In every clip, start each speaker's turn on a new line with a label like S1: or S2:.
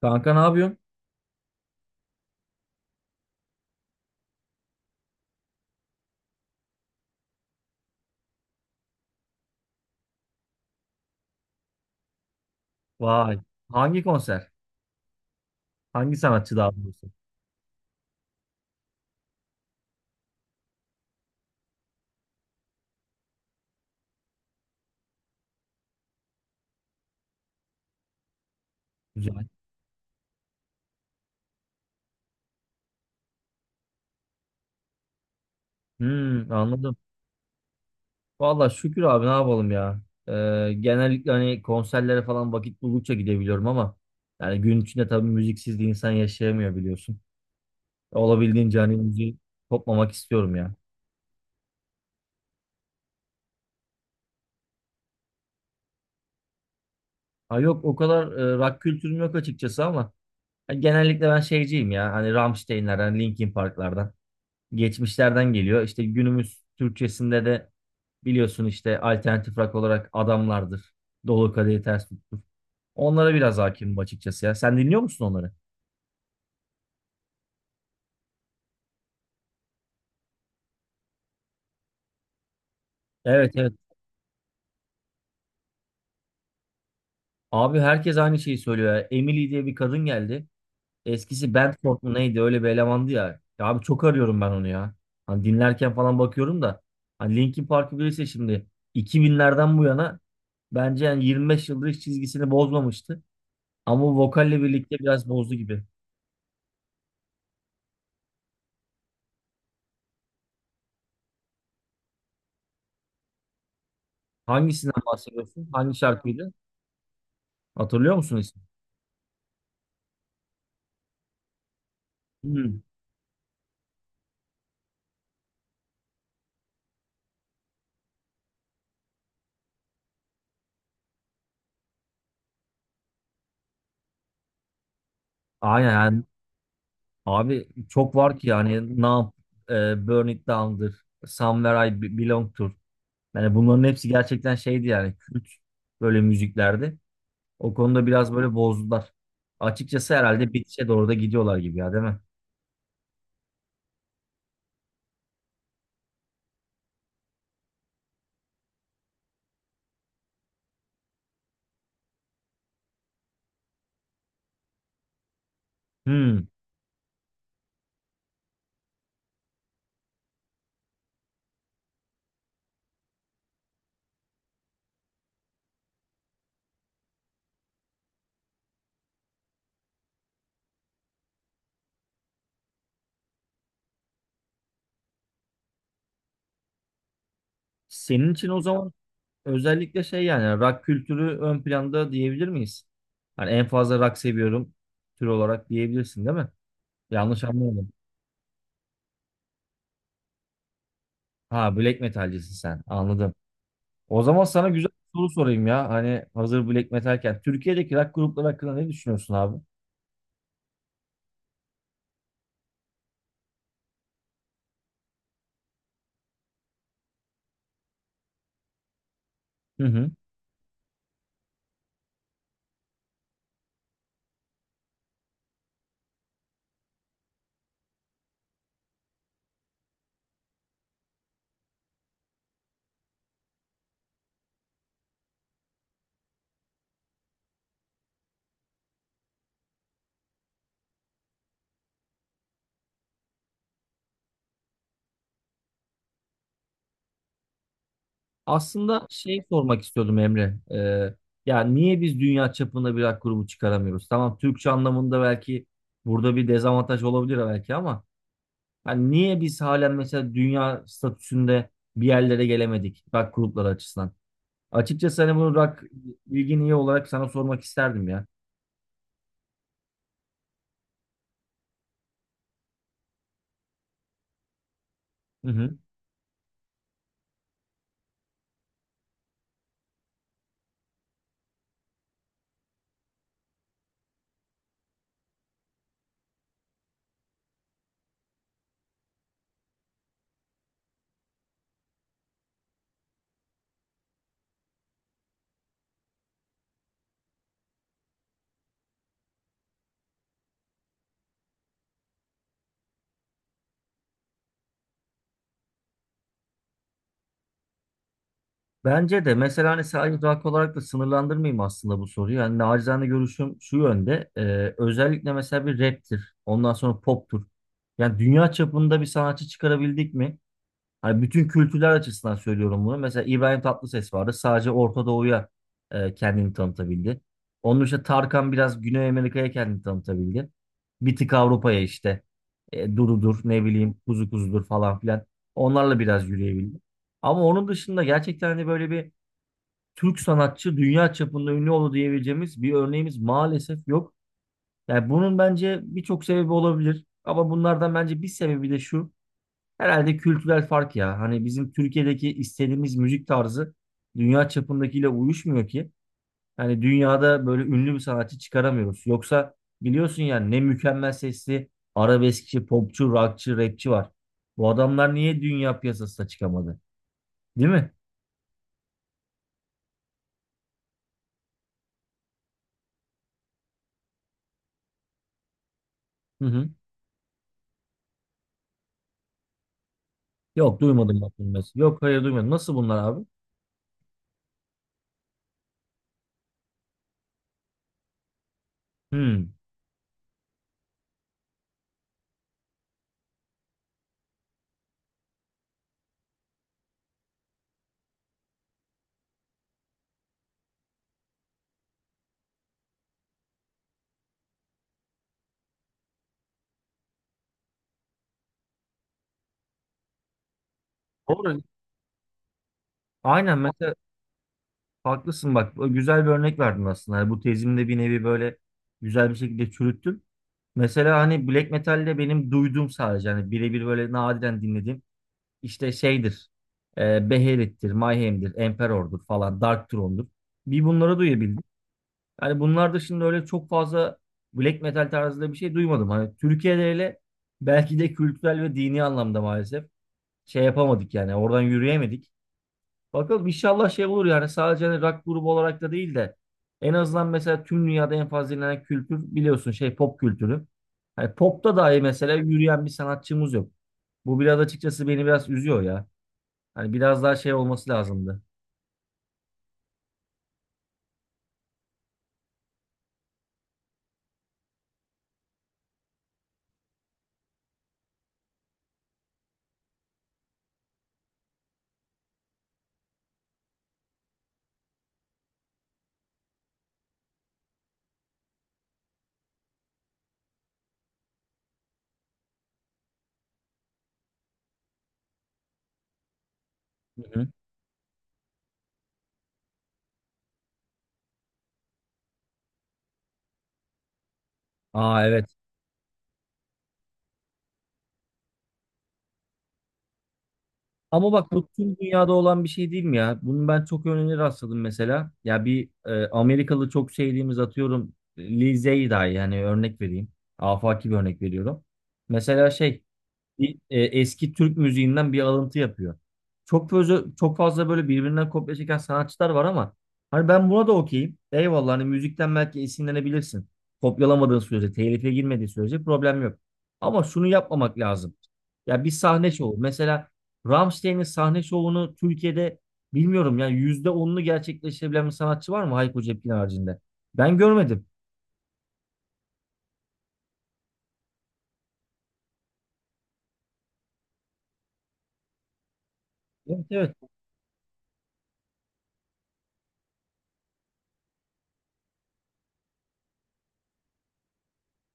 S1: Kanka ne yapıyorsun? Vay. Hangi konser? Hangi sanatçı daha doğrusu? Güzel. Hmm, anladım. Valla şükür abi ne yapalım ya. Genellikle hani konserlere falan vakit buldukça gidebiliyorum ama yani gün içinde tabii müziksiz de insan yaşayamıyor biliyorsun. Olabildiğince hani müziği kopmamak istiyorum ya. Ha yok o kadar rock kültürüm yok açıkçası ama hani genellikle ben şeyciyim ya. Hani Rammstein'lerden, Linkin Park'lardan. Geçmişlerden geliyor. İşte günümüz Türkçesinde de biliyorsun işte alternatif rock olarak adamlardır. Dolu kadehi ters tuttur. Onlara biraz hakimim açıkçası ya. Sen dinliyor musun onları? Evet, evet. Abi herkes aynı şeyi söylüyor ya. Emily diye bir kadın geldi. Eskisi Bandcamp mı neydi öyle bir elemandı ya. Ya abi çok arıyorum ben onu ya. Hani dinlerken falan bakıyorum da. Hani Linkin Park'ı bilirse şimdi 2000'lerden bu yana bence yani 25 yıldır hiç çizgisini bozmamıştı. Ama vokalle birlikte biraz bozdu gibi. Hangisinden bahsediyorsun? Hangi şarkıydı? Hatırlıyor musun ismi? Hmm. Aynen yani, abi çok var ki yani Numb, Burn It Down'dır, Somewhere I Belong Tour. Yani bunların hepsi gerçekten şeydi, yani kült böyle müziklerdi. O konuda biraz böyle bozdular. Açıkçası herhalde bitişe doğru da gidiyorlar gibi ya, değil mi? Hmm. Senin için o zaman özellikle şey, yani rock kültürü ön planda diyebilir miyiz? Hani en fazla rock seviyorum tür olarak diyebilirsin değil mi? Yanlış anlamadım. Ha, black metalcisin sen. Anladım. O zaman sana güzel bir soru sorayım ya. Hani hazır Black Metal'ken, Türkiye'deki rock grupları hakkında ne düşünüyorsun abi? Hı hı. Aslında şey sormak istiyordum Emre. Ya niye biz dünya çapında bir rock grubu çıkaramıyoruz? Tamam, Türkçe anlamında belki burada bir dezavantaj olabilir belki ama hani niye biz halen mesela dünya statüsünde bir yerlere gelemedik rock grupları açısından? Açıkçası hani bunu rock bilgin iyi olarak sana sormak isterdim ya. Hı hı. Bence de mesela hani sadece rock olarak da sınırlandırmayayım aslında bu soruyu. Yani nacizane görüşüm şu yönde. Özellikle mesela bir raptir. Ondan sonra poptur. Yani dünya çapında bir sanatçı çıkarabildik mi? Hani bütün kültürler açısından söylüyorum bunu. Mesela İbrahim Tatlıses vardı. Sadece Orta Doğu'ya kendini tanıtabildi. Onun işte Tarkan biraz Güney Amerika'ya kendini tanıtabildi. Bir tık Avrupa'ya işte. E, Dududur, ne bileyim, Kuzu Kuzudur falan filan. Onlarla biraz yürüyebildi. Ama onun dışında gerçekten hani böyle bir Türk sanatçı dünya çapında ünlü oldu diyebileceğimiz bir örneğimiz maalesef yok. Yani bunun bence birçok sebebi olabilir. Ama bunlardan bence bir sebebi de şu. Herhalde kültürel fark ya. Hani bizim Türkiye'deki istediğimiz müzik tarzı dünya çapındakiyle uyuşmuyor ki. Yani dünyada böyle ünlü bir sanatçı çıkaramıyoruz. Yoksa biliyorsun yani ne mükemmel sesli arabeskçi, popçu, rockçı, rapçi var. Bu adamlar niye dünya piyasasına çıkamadı? Değil mi? Hı hı. Yok duymadım bak bunu mesela. Yok hayır duymadım. Nasıl bunlar abi? Hmm. Doğru. Aynen mesela haklısın bak, o güzel bir örnek verdin aslında. Yani bu tezimde bir nevi böyle güzel bir şekilde çürüttüm. Mesela hani black metal'de benim duyduğum sadece hani birebir böyle nadiren dinlediğim işte şeydir. E, Beherit'tir, Mayhem'dir, Emperor'dur falan, Dark Throne'dur. Bir bunları duyabildim. Hani bunlar dışında öyle çok fazla black metal tarzında bir şey duymadım. Hani Türkiye'de öyle belki de kültürel ve dini anlamda maalesef şey yapamadık, yani oradan yürüyemedik. Bakalım inşallah şey olur yani, sadece hani rock grubu olarak da değil de en azından mesela tüm dünyada en fazla dinlenen kültür biliyorsun şey, pop kültürü. Hani popta dahi mesela yürüyen bir sanatçımız yok. Bu biraz açıkçası beni biraz üzüyor ya. Hani biraz daha şey olması lazımdı. Hı hı. Aa evet. Ama bak, bu tüm dünyada olan bir şey değil mi ya? Bunu ben çok örneğine rastladım mesela. Ya bir Amerikalı çok sevdiğimiz, atıyorum Lil Zey dahi yani, örnek vereyim. Afaki bir örnek veriyorum. Mesela şey, bir, eski Türk müziğinden bir alıntı yapıyor. Çok fazla böyle birbirinden kopya çeken sanatçılar var ama hani ben buna da okeyim. Eyvallah, hani müzikten belki esinlenebilirsin. Kopyalamadığın sürece, telife girmediği sürece problem yok. Ama şunu yapmamak lazım. Ya bir sahne şovu. Mesela Rammstein'in sahne şovunu Türkiye'de bilmiyorum yani yüzde onunu gerçekleştirebilen bir sanatçı var mı Hayko Cepkin haricinde? Ben görmedim. Evet, evet.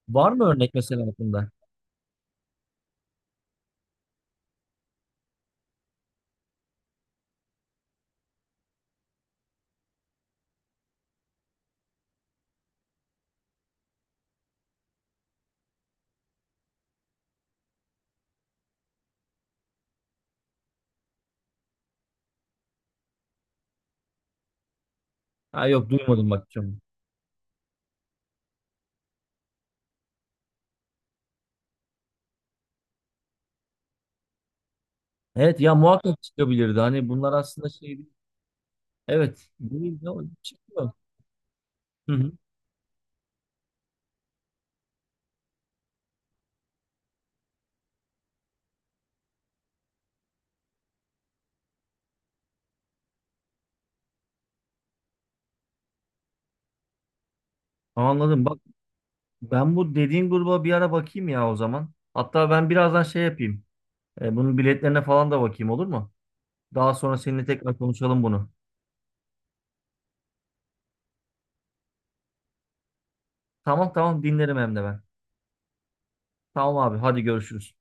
S1: Var mı örnek mesela aklında? Ha yok duymadım bak. Çok. Evet ya, muhakkak çıkabilirdi. Hani bunlar aslında şey, evet değil de o çıkıyor. Hı hı. Anladım. Bak, ben bu dediğin gruba bir ara bakayım ya o zaman. Hatta ben birazdan şey yapayım. Bunun biletlerine falan da bakayım, olur mu? Daha sonra seninle tekrar konuşalım bunu. Tamam, tamam dinlerim hem de ben. Tamam abi, hadi görüşürüz.